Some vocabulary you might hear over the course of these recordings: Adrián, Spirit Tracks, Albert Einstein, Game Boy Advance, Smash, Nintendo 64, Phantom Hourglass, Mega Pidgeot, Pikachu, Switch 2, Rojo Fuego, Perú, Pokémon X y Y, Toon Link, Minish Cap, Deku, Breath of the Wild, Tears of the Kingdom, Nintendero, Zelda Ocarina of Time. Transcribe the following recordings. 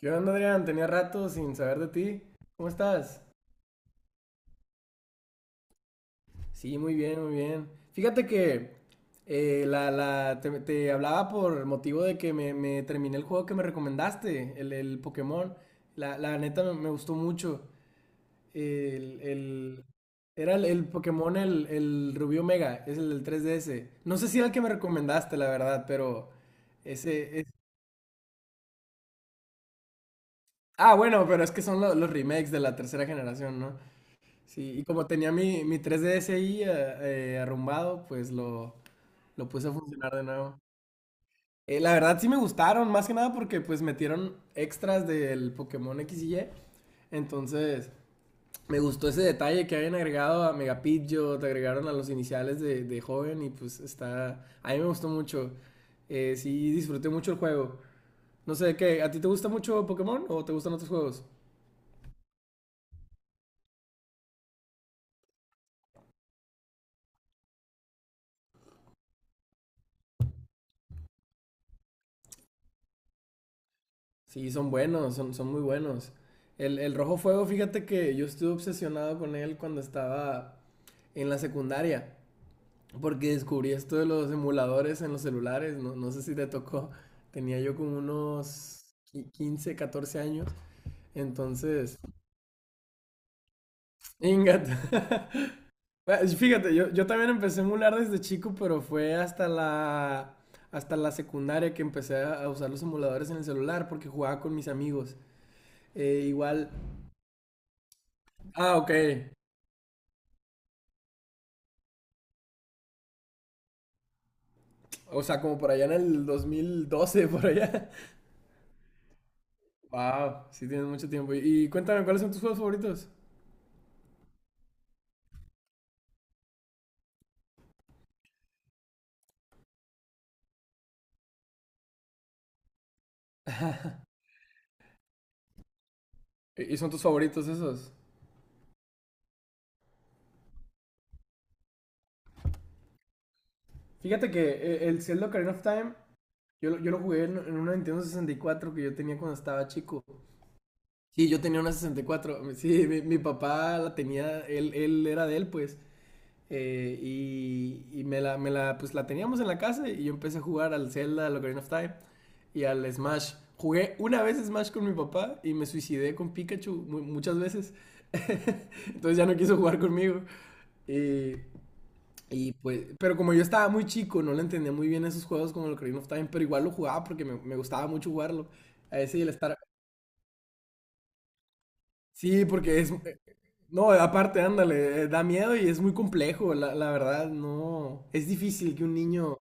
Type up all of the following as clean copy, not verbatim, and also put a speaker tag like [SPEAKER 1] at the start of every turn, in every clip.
[SPEAKER 1] ¿Qué onda, Adrián? Tenía rato sin saber de ti. ¿Cómo estás? Sí, muy bien, muy bien. Fíjate que te hablaba por motivo de que me terminé el juego que me recomendaste, el Pokémon. La neta me gustó mucho. El, el- era el Pokémon, el Rubí Omega, es el del 3DS. No sé si era el que me recomendaste, la verdad, pero ese es... Ah, bueno, pero es que son los remakes de la tercera generación, ¿no? Sí, y como tenía mi 3DS ahí arrumbado, pues lo puse a funcionar de nuevo. La verdad sí me gustaron, más que nada porque pues metieron extras del Pokémon X y Y. Entonces, me gustó ese detalle que hayan agregado a Mega Pidgeot, agregaron a los iniciales de joven y pues está... A mí me gustó mucho. Sí, disfruté mucho el juego. No sé, ¿qué? ¿A ti te gusta mucho Pokémon o te gustan otros juegos? Sí, son buenos, son muy buenos. El Rojo Fuego, fíjate que yo estuve obsesionado con él cuando estaba en la secundaria, porque descubrí esto de los emuladores en los celulares, no, no sé si te tocó, tenía yo como unos 15, 14 años, entonces, ingat. Bueno, fíjate, yo también empecé a emular desde chico, pero fue hasta la secundaria que empecé a usar los emuladores en el celular, porque jugaba con mis amigos. Igual... Ah, ok. O sea, como por allá en el 2012, por allá. Wow, sí tienes mucho tiempo. Y cuéntame, ¿cuáles son tus juegos favoritos? ¿Y son tus favoritos esos? Fíjate que el Zelda Ocarina of Time, yo lo jugué en una Nintendo 64 que yo tenía cuando estaba chico. Sí, yo tenía una 64. Sí, mi papá la tenía, él era de él, pues. Y me la, pues la teníamos en la casa y yo empecé a jugar al Zelda, al Ocarina of Time y al Smash. Jugué una vez Smash con mi papá y me suicidé con Pikachu muchas veces. Entonces ya no quiso jugar conmigo. Y, y, pues, pero como yo estaba muy chico, no le entendía muy bien esos juegos como el Ocarina of Time, pero igual lo jugaba porque me gustaba mucho jugarlo. A ese y el Star, sí, porque es... No, aparte, ándale, da miedo y es muy complejo, la verdad, no. Es difícil que un niño...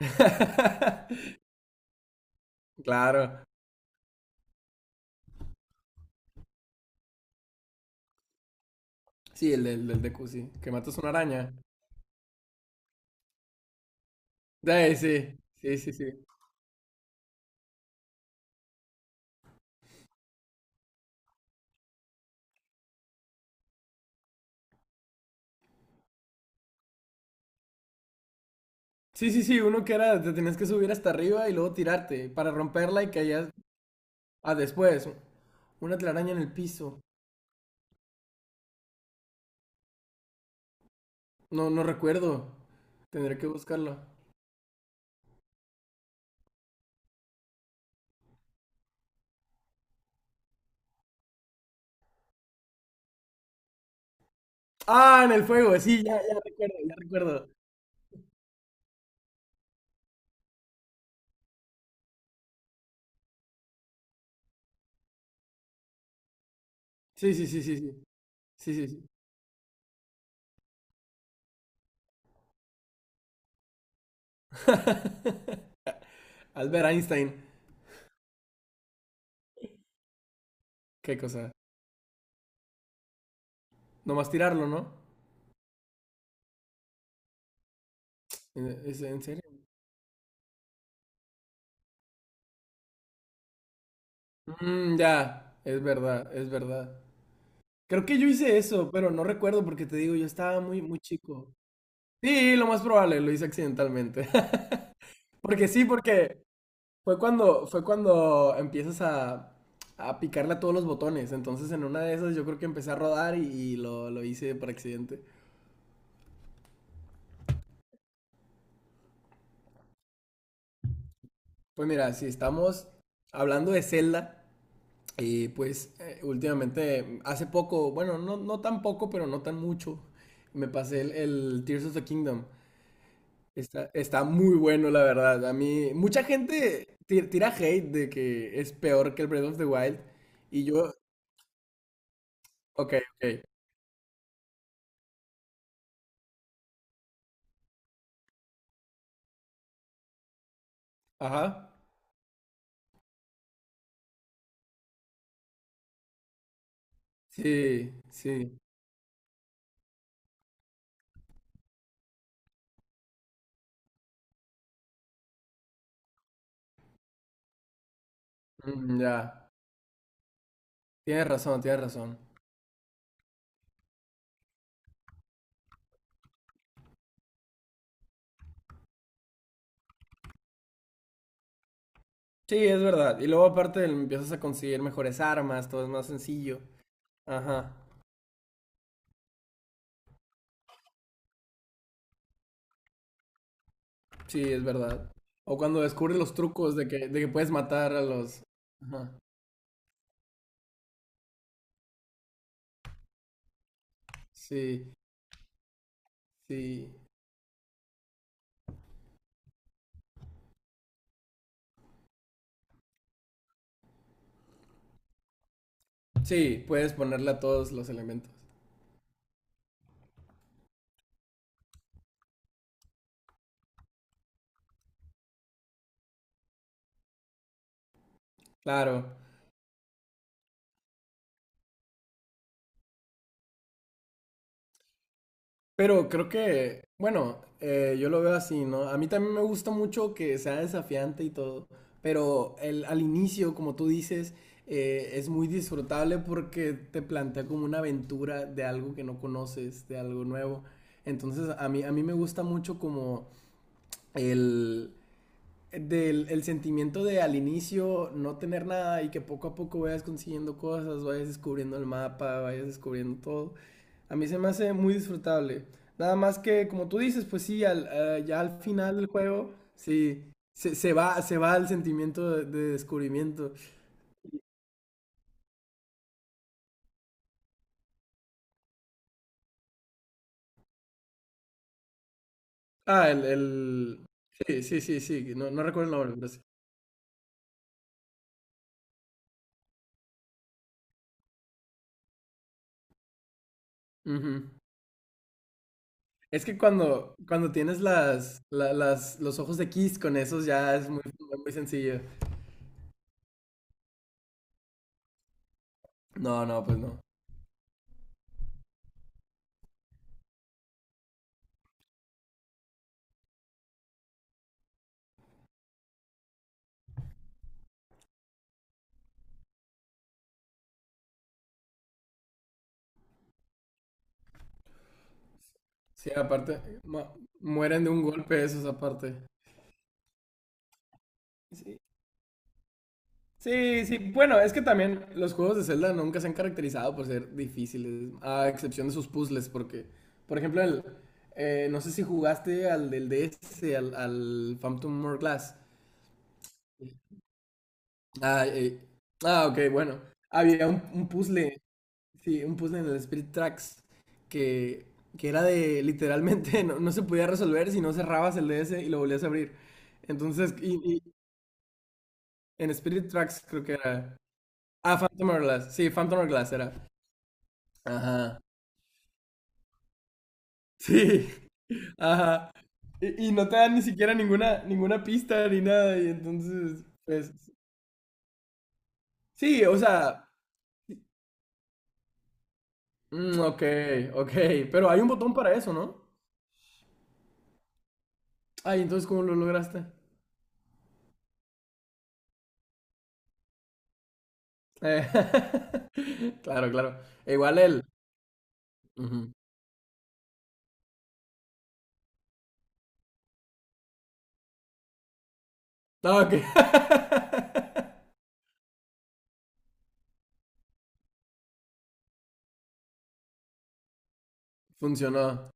[SPEAKER 1] Claro. Sí, el del Deku, sí. Que matas una araña. Ay, sí, sí, sí, sí. Sí, sí, sí, uno que era, te tenías que subir hasta arriba y luego tirarte para romperla y caías... Ah, después, una telaraña en el piso. No, no recuerdo. Tendré que buscarlo. Ah, en el fuego, sí, ya, ya recuerdo, ya recuerdo. Sí, sí, sí, sí, sí. Sí, sí, sí. Albert Einstein. Qué cosa. Nomás tirarlo, ¿no? ¿Es en serio? Mm, ya, es verdad, es verdad. Creo que yo hice eso, pero no recuerdo porque te digo, yo estaba muy, muy chico. Sí, lo más probable, lo hice accidentalmente. Porque sí, porque fue cuando empiezas a picarle a todos los botones. Entonces en una de esas yo creo que empecé a rodar y lo hice por accidente. Pues mira, si estamos hablando de Zelda, y pues últimamente, hace poco, bueno, no, no tan poco, pero no tan mucho, me pasé el Tears of the Kingdom. Está muy bueno, la verdad. A mí, mucha gente tira hate de que es peor que el Breath of the Wild. Y yo, ok, ok. Ajá. Sí, sí. Mm, ya. Tienes razón, tienes razón. Sí, es verdad. Y luego aparte empiezas a conseguir mejores armas, todo es más sencillo. Ajá. Sí, es verdad. O cuando descubres los trucos de que puedes matar a los... Ajá. Sí, sí. Sí, puedes ponerle a todos los elementos. Claro. Pero creo que, bueno, yo lo veo así, ¿no? A mí también me gusta mucho que sea desafiante y todo. Pero al inicio, como tú dices, es muy disfrutable porque te plantea como una aventura de algo que no conoces, de algo nuevo. Entonces, a mí me gusta mucho como el, el sentimiento de al inicio no tener nada y que poco a poco vayas consiguiendo cosas, vayas descubriendo el mapa, vayas descubriendo todo. A mí se me hace muy disfrutable. Nada más que, como tú dices, pues sí, ya al final del juego, sí, se va el sentimiento de descubrimiento. Ah, el... Sí, sí, sí, sí, no, no recuerdo el nombre, pero sí. Ujú. Es que cuando tienes los ojos de Kiss con esos ya es muy, muy sencillo. No, no, pues no. Sí, aparte, mueren de un golpe esos aparte. Sí. Sí, sí, bueno, es que también los juegos de Zelda nunca se han caracterizado por ser difíciles, a excepción de sus puzzles, porque, por ejemplo, no sé si jugaste al del DS, al Phantom Hourglass. Ah, ah, ok, bueno. Había un puzzle, sí, un puzzle en el Spirit Tracks que, que era de literalmente no, no se podía resolver si no cerrabas el DS y lo volvías a abrir. Entonces, y, en Spirit Tracks creo que era. Ah, Phantom Hourglass. Sí, Phantom Hourglass era. Ajá. Sí. Ajá. Y no te dan ni siquiera ninguna pista ni nada. Y entonces, pues. Sí, o sea. Mm, ok, ok. Pero hay un botón para eso, ¿no? Ay, entonces, ¿cómo lo lograste? Eh, Claro, claro. E igual él. Ujú. Ah, ok. Funcionó.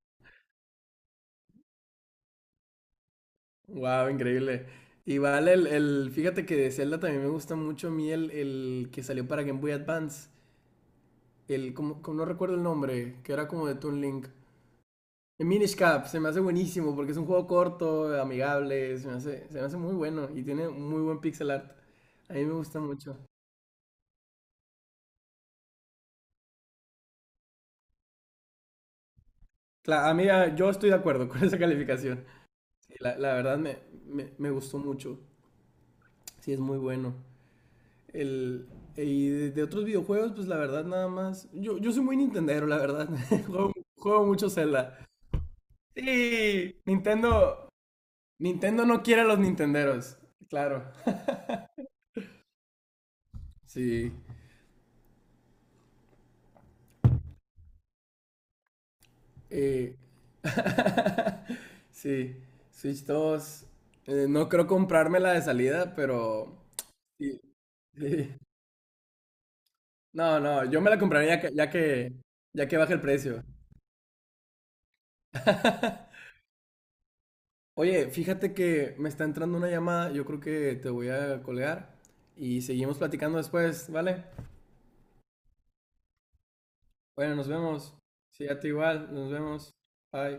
[SPEAKER 1] Wow, increíble. Igual fíjate que de Zelda también me gusta mucho a mí el que salió para Game Boy Advance. Como no recuerdo el nombre, que era como de Toon Link. El Minish Cap, se me hace buenísimo porque es un juego corto, amigable, se me hace muy bueno y tiene muy buen pixel art. A mí me gusta mucho. Claro, yo estoy de acuerdo con esa calificación. Sí, la verdad me gustó mucho. Sí, es muy bueno. El, y de otros videojuegos, pues la verdad nada más. Yo soy muy Nintendero, la verdad. Juego mucho Zelda. Sí, Nintendo. Nintendo no quiere a los Nintenderos. Claro. Sí. Eh, sí. Switch 2. No creo comprármela de salida, pero. Sí, sí. No, no, yo me la compraría ya que baje el precio. Oye, fíjate que me está entrando una llamada, yo creo que te voy a colgar y seguimos platicando después, ¿vale? Bueno, nos vemos. Sí, a ti igual, nos vemos. Bye.